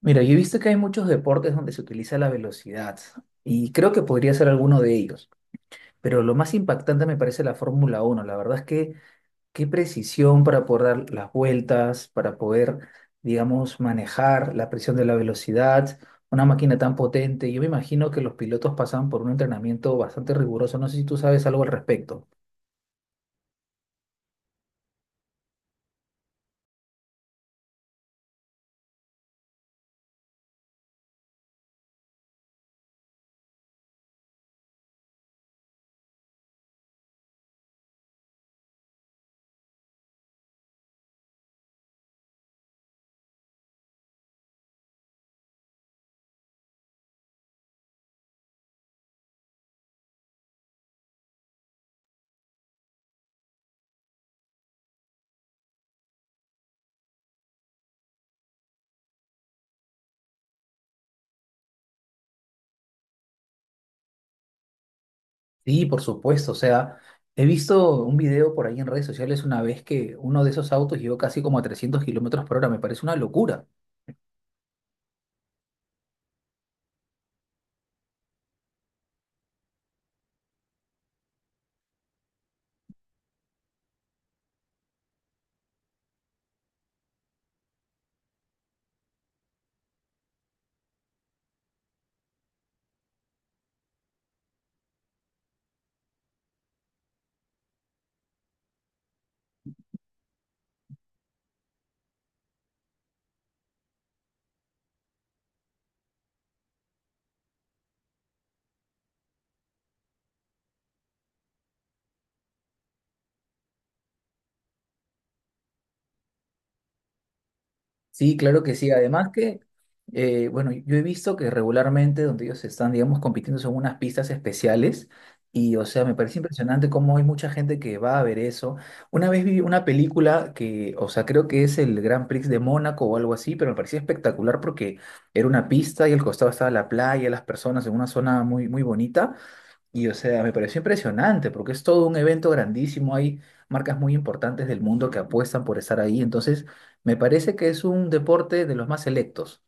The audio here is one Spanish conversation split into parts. Mira, yo he visto que hay muchos deportes donde se utiliza la velocidad y creo que podría ser alguno de ellos, pero lo más impactante me parece la Fórmula Uno. La verdad es que qué precisión para poder dar las vueltas, para poder, digamos, manejar la presión de la velocidad, una máquina tan potente. Yo me imagino que los pilotos pasan por un entrenamiento bastante riguroso. No sé si tú sabes algo al respecto. Sí, por supuesto. O sea, he visto un video por ahí en redes sociales una vez que uno de esos autos llegó casi como a 300 kilómetros por hora. Me parece una locura. Sí, claro que sí. Además que, bueno, yo he visto que regularmente donde ellos están, digamos, compitiendo son unas pistas especiales y, o sea, me parece impresionante cómo hay mucha gente que va a ver eso. Una vez vi una película que, o sea, creo que es el Grand Prix de Mónaco o algo así, pero me parecía espectacular porque era una pista y al costado estaba la playa, las personas en una zona muy, muy bonita. Y o sea, me pareció impresionante porque es todo un evento grandísimo. Hay marcas muy importantes del mundo que apuestan por estar ahí. Entonces, me parece que es un deporte de los más selectos.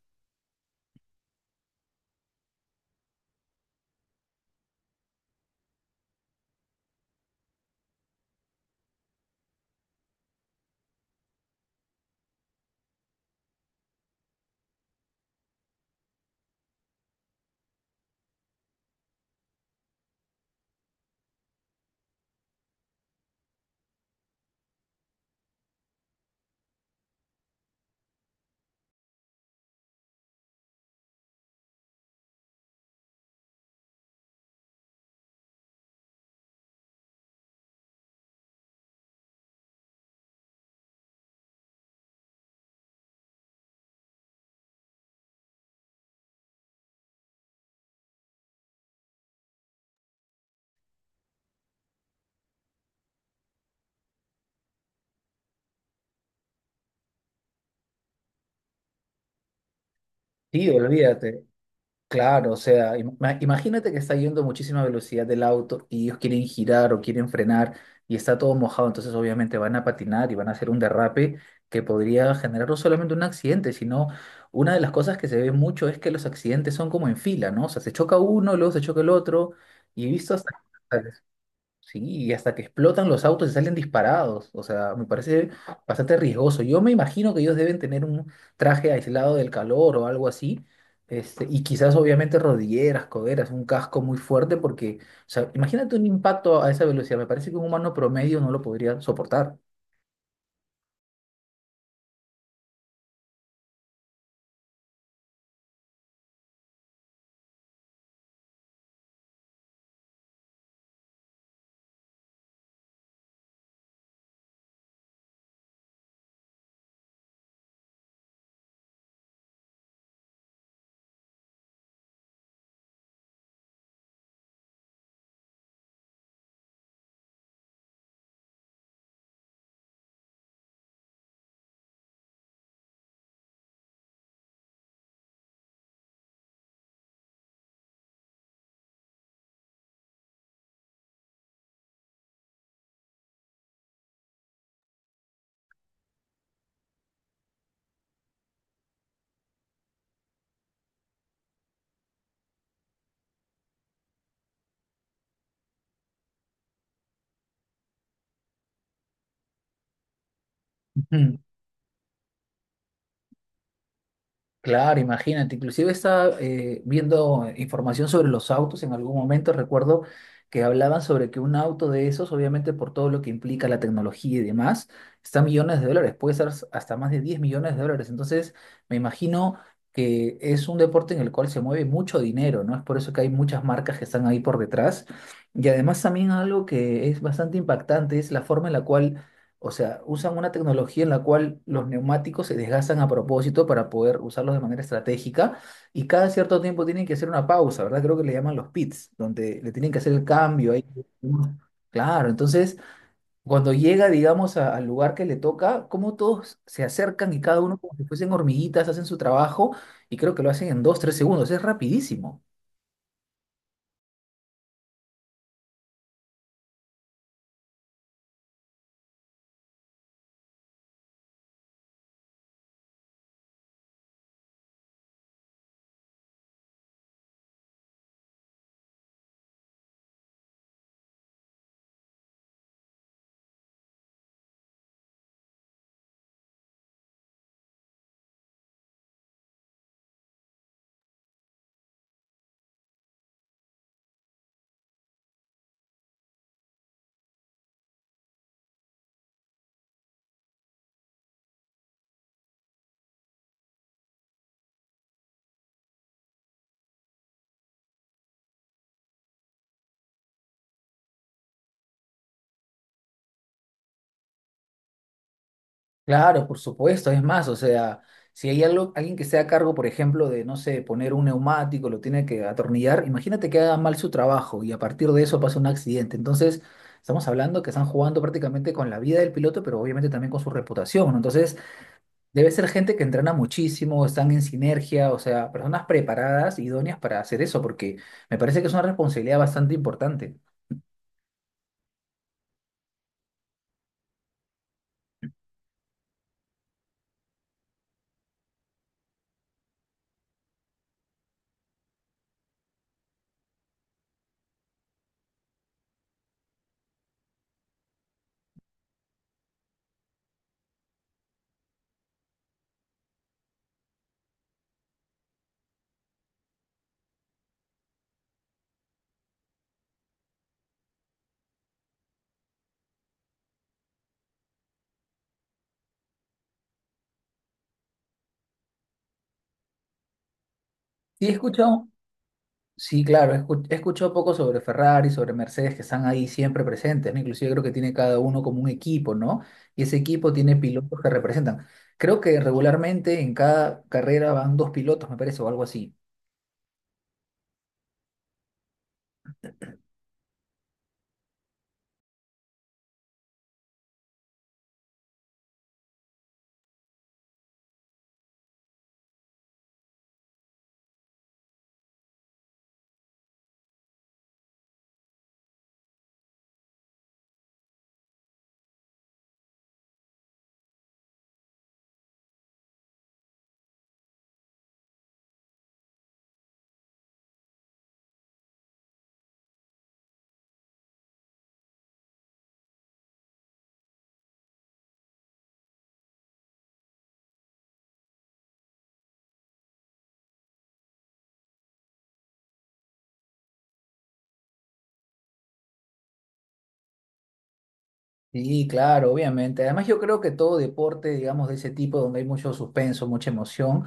Sí, olvídate. Claro, o sea, imagínate que está yendo a muchísima velocidad del auto y ellos quieren girar o quieren frenar y está todo mojado, entonces obviamente van a patinar y van a hacer un derrape que podría generar no solamente un accidente, sino una de las cosas que se ve mucho es que los accidentes son como en fila, ¿no? O sea, se choca uno, luego se choca el otro y he visto hasta... Sí, y hasta que explotan los autos y salen disparados. O sea, me parece bastante riesgoso. Yo me imagino que ellos deben tener un traje aislado del calor o algo así. Y quizás obviamente rodilleras, coderas, un casco muy fuerte porque, o sea, imagínate un impacto a esa velocidad. Me parece que un humano promedio no lo podría soportar. Claro, imagínate, inclusive estaba viendo información sobre los autos, en algún momento recuerdo que hablaban sobre que un auto de esos, obviamente por todo lo que implica la tecnología y demás, está a millones de dólares, puede ser hasta más de 10 millones de dólares, entonces me imagino que es un deporte en el cual se mueve mucho dinero, ¿no? Es por eso que hay muchas marcas que están ahí por detrás y además también algo que es bastante impactante es la forma en la cual o sea, usan una tecnología en la cual los neumáticos se desgastan a propósito para poder usarlos de manera estratégica y cada cierto tiempo tienen que hacer una pausa, ¿verdad? Creo que le llaman los pits, donde le tienen que hacer el cambio ahí. Claro, entonces cuando llega, digamos, al lugar que le toca, como todos se acercan y cada uno como si fuesen hormiguitas, hacen su trabajo y creo que lo hacen en dos, tres segundos, es rapidísimo. Claro, por supuesto, es más, o sea, si hay algo, alguien que esté a cargo, por ejemplo, de, no sé, poner un neumático, lo tiene que atornillar, imagínate que haga mal su trabajo y a partir de eso pasa un accidente. Entonces, estamos hablando que están jugando prácticamente con la vida del piloto, pero obviamente también con su reputación, ¿no? Entonces, debe ser gente que entrena muchísimo, están en sinergia, o sea, personas preparadas, idóneas para hacer eso, porque me parece que es una responsabilidad bastante importante. Sí, he escuchado. Sí, claro, he escuchado poco sobre Ferrari, sobre Mercedes, que están ahí siempre presentes, ¿no? Inclusive creo que tiene cada uno como un equipo, ¿no? Y ese equipo tiene pilotos que representan. Creo que regularmente en cada carrera van dos pilotos, me parece, o algo así. Sí, claro, obviamente. Además, yo creo que todo deporte, digamos, de ese tipo, donde hay mucho suspenso, mucha emoción,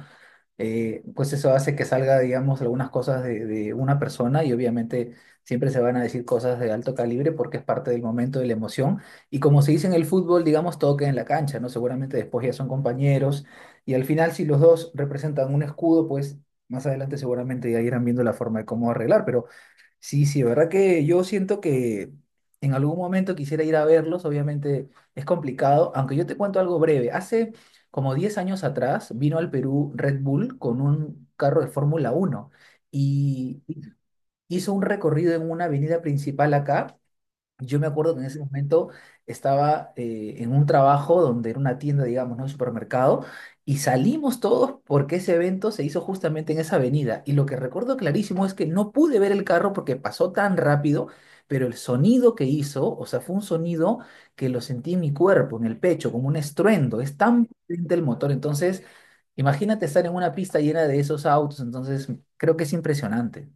pues eso hace que salga, digamos, algunas cosas de una persona y obviamente siempre se van a decir cosas de alto calibre porque es parte del momento, de la emoción. Y como se dice en el fútbol, digamos, todo queda en la cancha, ¿no? Seguramente después ya son compañeros y al final si los dos representan un escudo, pues más adelante seguramente ya irán viendo la forma de cómo arreglar, pero... Sí, sí, verdad que yo siento que en algún momento quisiera ir a verlos, obviamente es complicado, aunque yo te cuento algo breve. Hace como 10 años atrás vino al Perú Red Bull con un carro de Fórmula uno y hizo un recorrido en una avenida principal acá. Yo me acuerdo que en ese momento estaba en un trabajo donde era una tienda, digamos, ¿no? Un supermercado, y salimos todos porque ese evento se hizo justamente en esa avenida. Y lo que recuerdo clarísimo es que no pude ver el carro porque pasó tan rápido, pero el sonido que hizo, o sea, fue un sonido que lo sentí en mi cuerpo, en el pecho, como un estruendo. Es tan potente el motor. Entonces, imagínate estar en una pista llena de esos autos. Entonces, creo que es impresionante.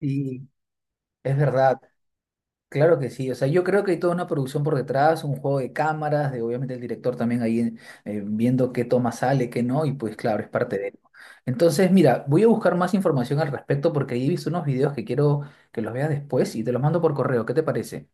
Y es verdad. Claro que sí, o sea, yo creo que hay toda una producción por detrás, un juego de cámaras, de obviamente el director también ahí viendo qué toma sale, qué no, y pues claro, es parte de él. Entonces, mira, voy a buscar más información al respecto porque ahí he visto unos videos que quiero que los veas después y te los mando por correo, ¿qué te parece?